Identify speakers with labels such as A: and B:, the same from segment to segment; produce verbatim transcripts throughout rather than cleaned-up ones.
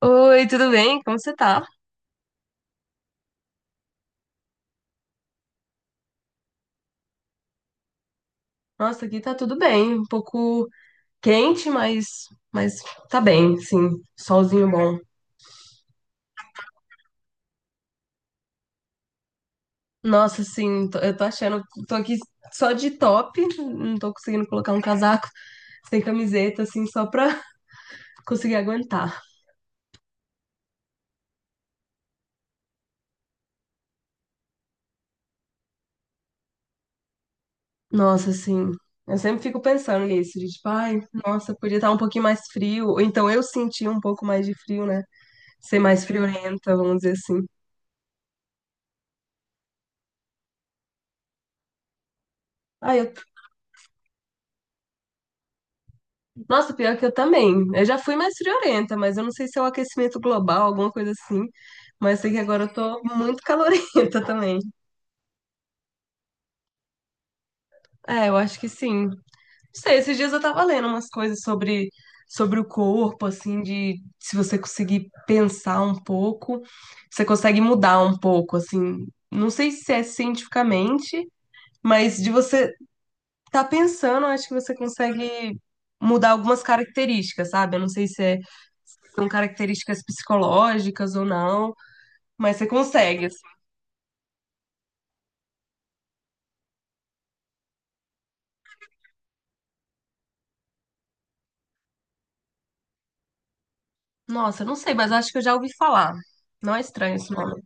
A: Oi, tudo bem? Como você tá? Nossa, aqui tá tudo bem. Um pouco quente, mas, mas tá bem, sim. Solzinho bom. Nossa, sim, tô- eu tô achando. Tô aqui só de top, não tô conseguindo colocar um casaco sem camiseta, assim, só pra conseguir aguentar. Nossa, assim. Eu sempre fico pensando nisso, de tipo, ai, nossa, podia estar um pouquinho mais frio. Ou então eu senti um pouco mais de frio, né? Ser mais friorenta, vamos dizer assim. Ah, eu Nossa, pior que eu também. Eu já fui mais friorenta, mas eu não sei se é o aquecimento global, alguma coisa assim. Mas sei que agora eu tô muito calorenta também. É, eu acho que sim. Não sei, esses dias eu tava lendo umas coisas sobre, sobre o corpo, assim, de se você conseguir pensar um pouco, você consegue mudar um pouco, assim. Não sei se é cientificamente, mas de você tá pensando, eu acho que você consegue mudar algumas características, sabe? Eu não sei se é são características psicológicas ou não, mas você consegue, assim. Nossa, eu não sei, mas acho que eu já ouvi falar. Não é estranho esse nome.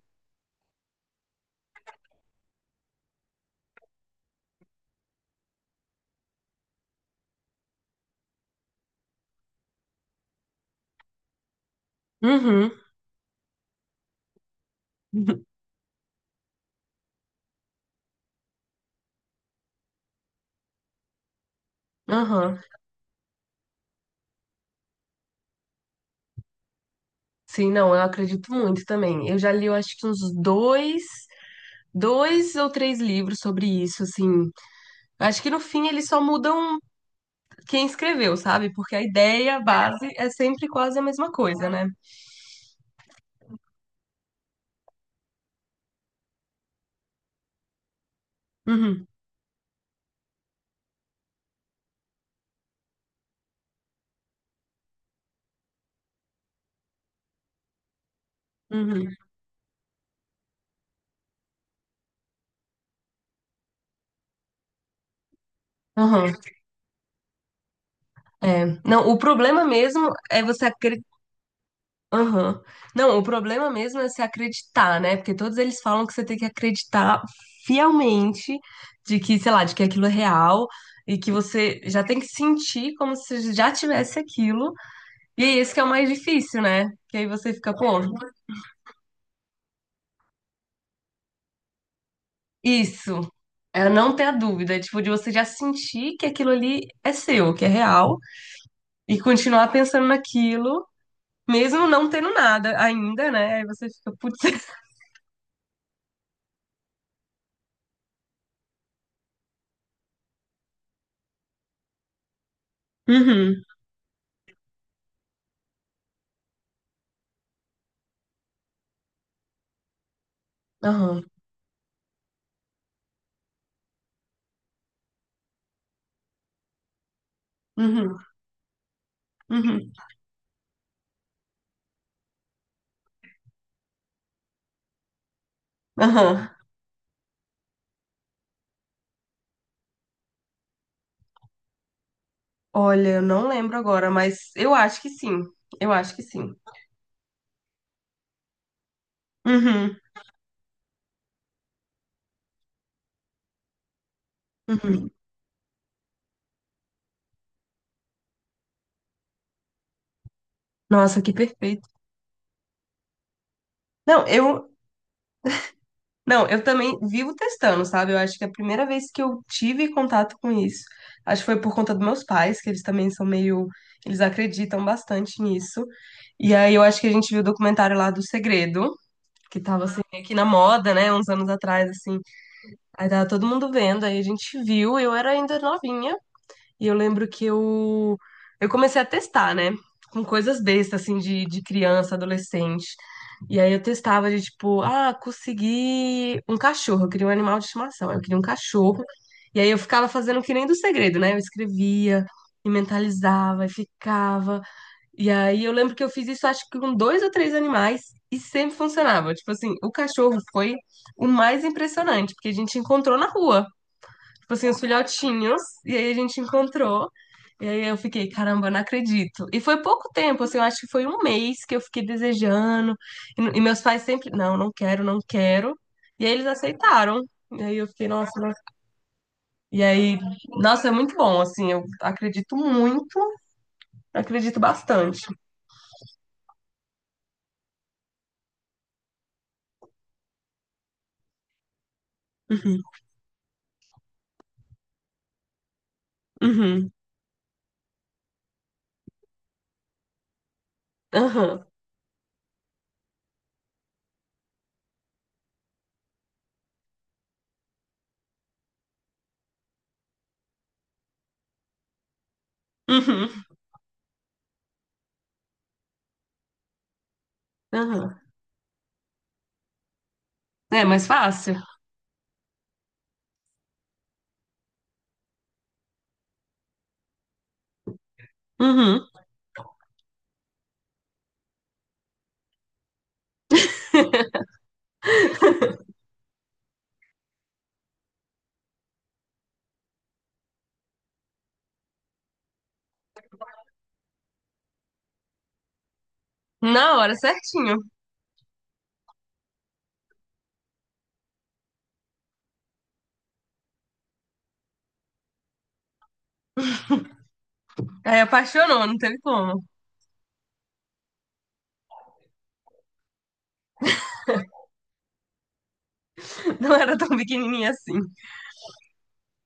A: Uhum. Aham. Sim, não, eu acredito muito também. Eu já li, eu acho que uns dois, dois ou três livros sobre isso, assim. Acho que no fim eles só mudam quem escreveu, sabe? Porque a ideia, a base é sempre quase a mesma coisa, né? Uhum. Uhum. Aham. É. Não, o problema mesmo é você acre- Aham. Não, o problema mesmo é se acreditar, né? Porque todos eles falam que você tem que acreditar fielmente de que, sei lá, de que aquilo é real e que você já tem que sentir como se já tivesse aquilo. E é esse que é o mais difícil, né? Que aí você fica, pô, isso. É não ter a dúvida, tipo, de você já sentir que aquilo ali é seu, que é real, e continuar pensando naquilo, mesmo não tendo nada ainda, né? Aí você fica, putz. Uhum, aham, uhum, uhum. Aham. Olha, eu não lembro agora, mas eu acho que sim. Eu acho que sim. Uhum, uhum. Nossa, que perfeito. Não, eu, não, eu também vivo testando, sabe? Eu acho que a primeira vez que eu tive contato com isso, acho que foi por conta dos meus pais, que eles também são meio, eles acreditam bastante nisso. E aí eu acho que a gente viu o documentário lá do Segredo, que tava assim meio que na moda, né, uns anos atrás assim. Aí tava todo mundo vendo, aí a gente viu, eu era ainda novinha. E eu lembro que eu, eu comecei a testar, né? Com coisas bestas, assim, de, de criança, adolescente. E aí eu testava de tipo, ah, consegui um cachorro. Eu queria um animal de estimação. Eu queria um cachorro. E aí eu ficava fazendo que nem do segredo, né? Eu escrevia e mentalizava e ficava. E aí eu lembro que eu fiz isso, acho que com dois ou três animais. E sempre funcionava. Tipo assim, o cachorro foi o mais impressionante, porque a gente encontrou na rua tipo assim, os filhotinhos, e aí a gente encontrou. E aí eu fiquei, caramba, não acredito. E foi pouco tempo, assim, eu acho que foi um mês que eu fiquei desejando. E, e meus pais sempre, não, não quero, não quero. E aí eles aceitaram. E aí eu fiquei, nossa, nossa. E aí, nossa, é muito bom, assim, eu acredito muito, acredito bastante. Uhum, uhum, aham, uhum, aham. É mais fácil. Uhum. Na hora, certinho. Aí apaixonou, não teve como. Não era tão pequenininha assim.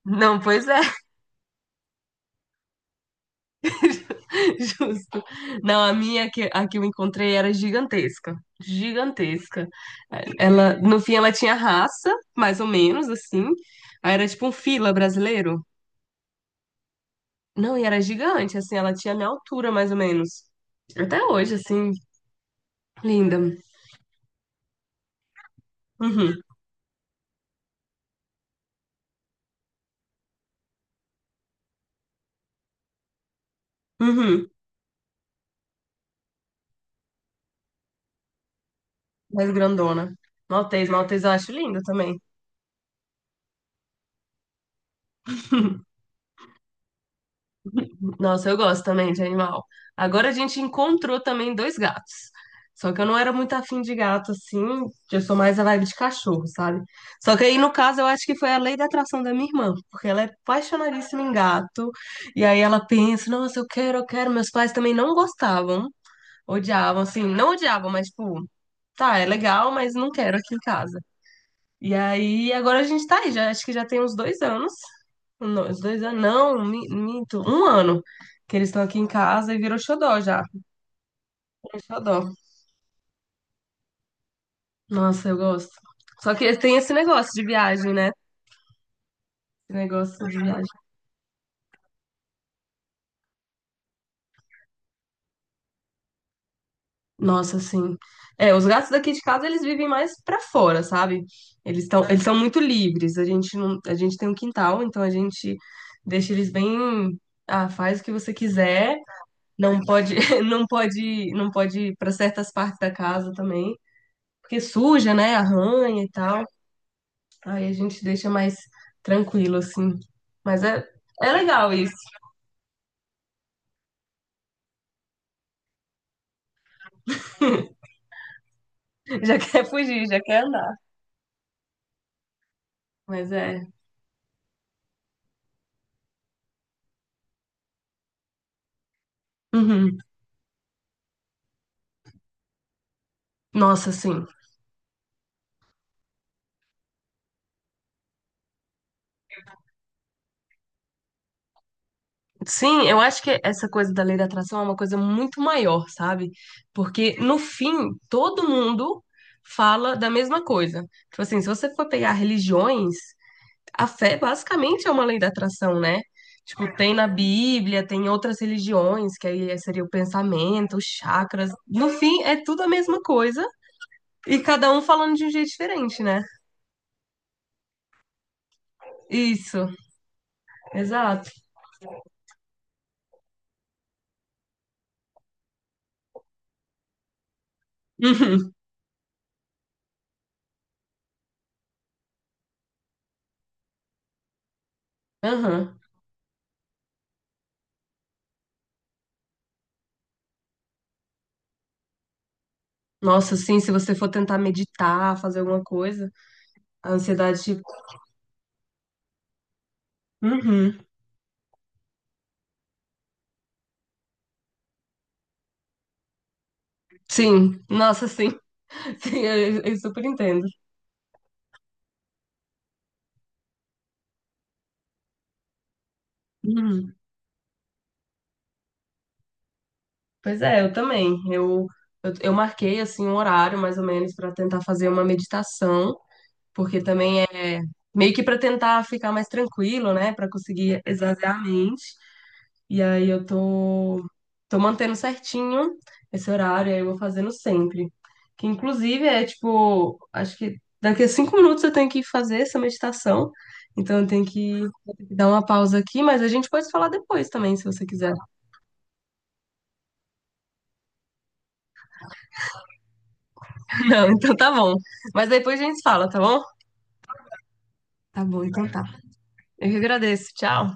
A: Não, pois é, justo. Não, a minha que, a que eu encontrei era gigantesca. Gigantesca. Ela, no fim, ela tinha raça, mais ou menos, assim. Aí era tipo um fila brasileiro. Não, e era gigante, assim, ela tinha a minha altura, mais ou menos. Até hoje, assim, linda. Uhum, uhum. Mais grandona. Maltês, maltês eu acho linda também. Nossa, eu gosto também de animal. Agora a gente encontrou também dois gatos. Só que eu não era muito afim de gato, assim. Eu sou mais a vibe de cachorro, sabe? Só que aí, no caso, eu acho que foi a lei da atração da minha irmã, porque ela é apaixonadíssima em gato. E aí ela pensa, nossa, eu quero, eu quero. Meus pais também não gostavam, odiavam, assim, não odiavam, mas tipo, tá, é legal, mas não quero aqui em casa. E aí, agora a gente tá aí, já, acho que já tem uns dois anos. Um, dois dois anos, não, mi- minto, um ano que eles estão aqui em casa e virou xodó já, virou xodó. Nossa, eu gosto. Só que tem esse negócio de viagem, né? Esse negócio de viagem. Nossa, assim. É, os gatos daqui de casa, eles vivem mais pra fora, sabe? Eles estão, eles são muito livres. A gente não, a gente tem um quintal, então a gente deixa eles bem, ah, faz o que você quiser. Não pode, não pode, não pode ir para certas partes da casa também, porque suja, né? Arranha e tal. Aí a gente deixa mais tranquilo, assim. Mas é, é legal isso. Já quer fugir, já quer andar. Mas é. Uhum. Nossa, sim. Sim, eu acho que essa coisa da lei da atração é uma coisa muito maior, sabe? Porque no fim, todo mundo fala da mesma coisa. Tipo assim, se você for pegar religiões, a fé basicamente é uma lei da atração, né? Tipo, tem na Bíblia, tem outras religiões, que aí seria o pensamento, os chakras. No fim, é tudo a mesma coisa E cada um falando de um jeito diferente, né? Isso, exato. Uhum, aham. Nossa, sim, se você for tentar meditar, fazer alguma coisa, a ansiedade, tipo. Uhum. Sim, nossa, sim, sim, eu, eu super entendo. Uhum. Pois é, eu também. Eu, eu, eu marquei, assim, um horário, mais ou menos, para tentar fazer uma meditação, porque também é meio que para tentar ficar mais tranquilo, né? Para conseguir esvaziar a mente. E aí eu tô, tô mantendo certinho esse horário, aí eu vou fazendo sempre. Que inclusive é tipo, acho que daqui a cinco minutos eu tenho que fazer essa meditação. Então eu tenho que, vou ter que dar uma pausa aqui, mas a gente pode falar depois também, se você quiser. Não, então tá bom. Mas depois a gente fala, tá bom? Tá bom, então tá. Eu que agradeço. Tchau.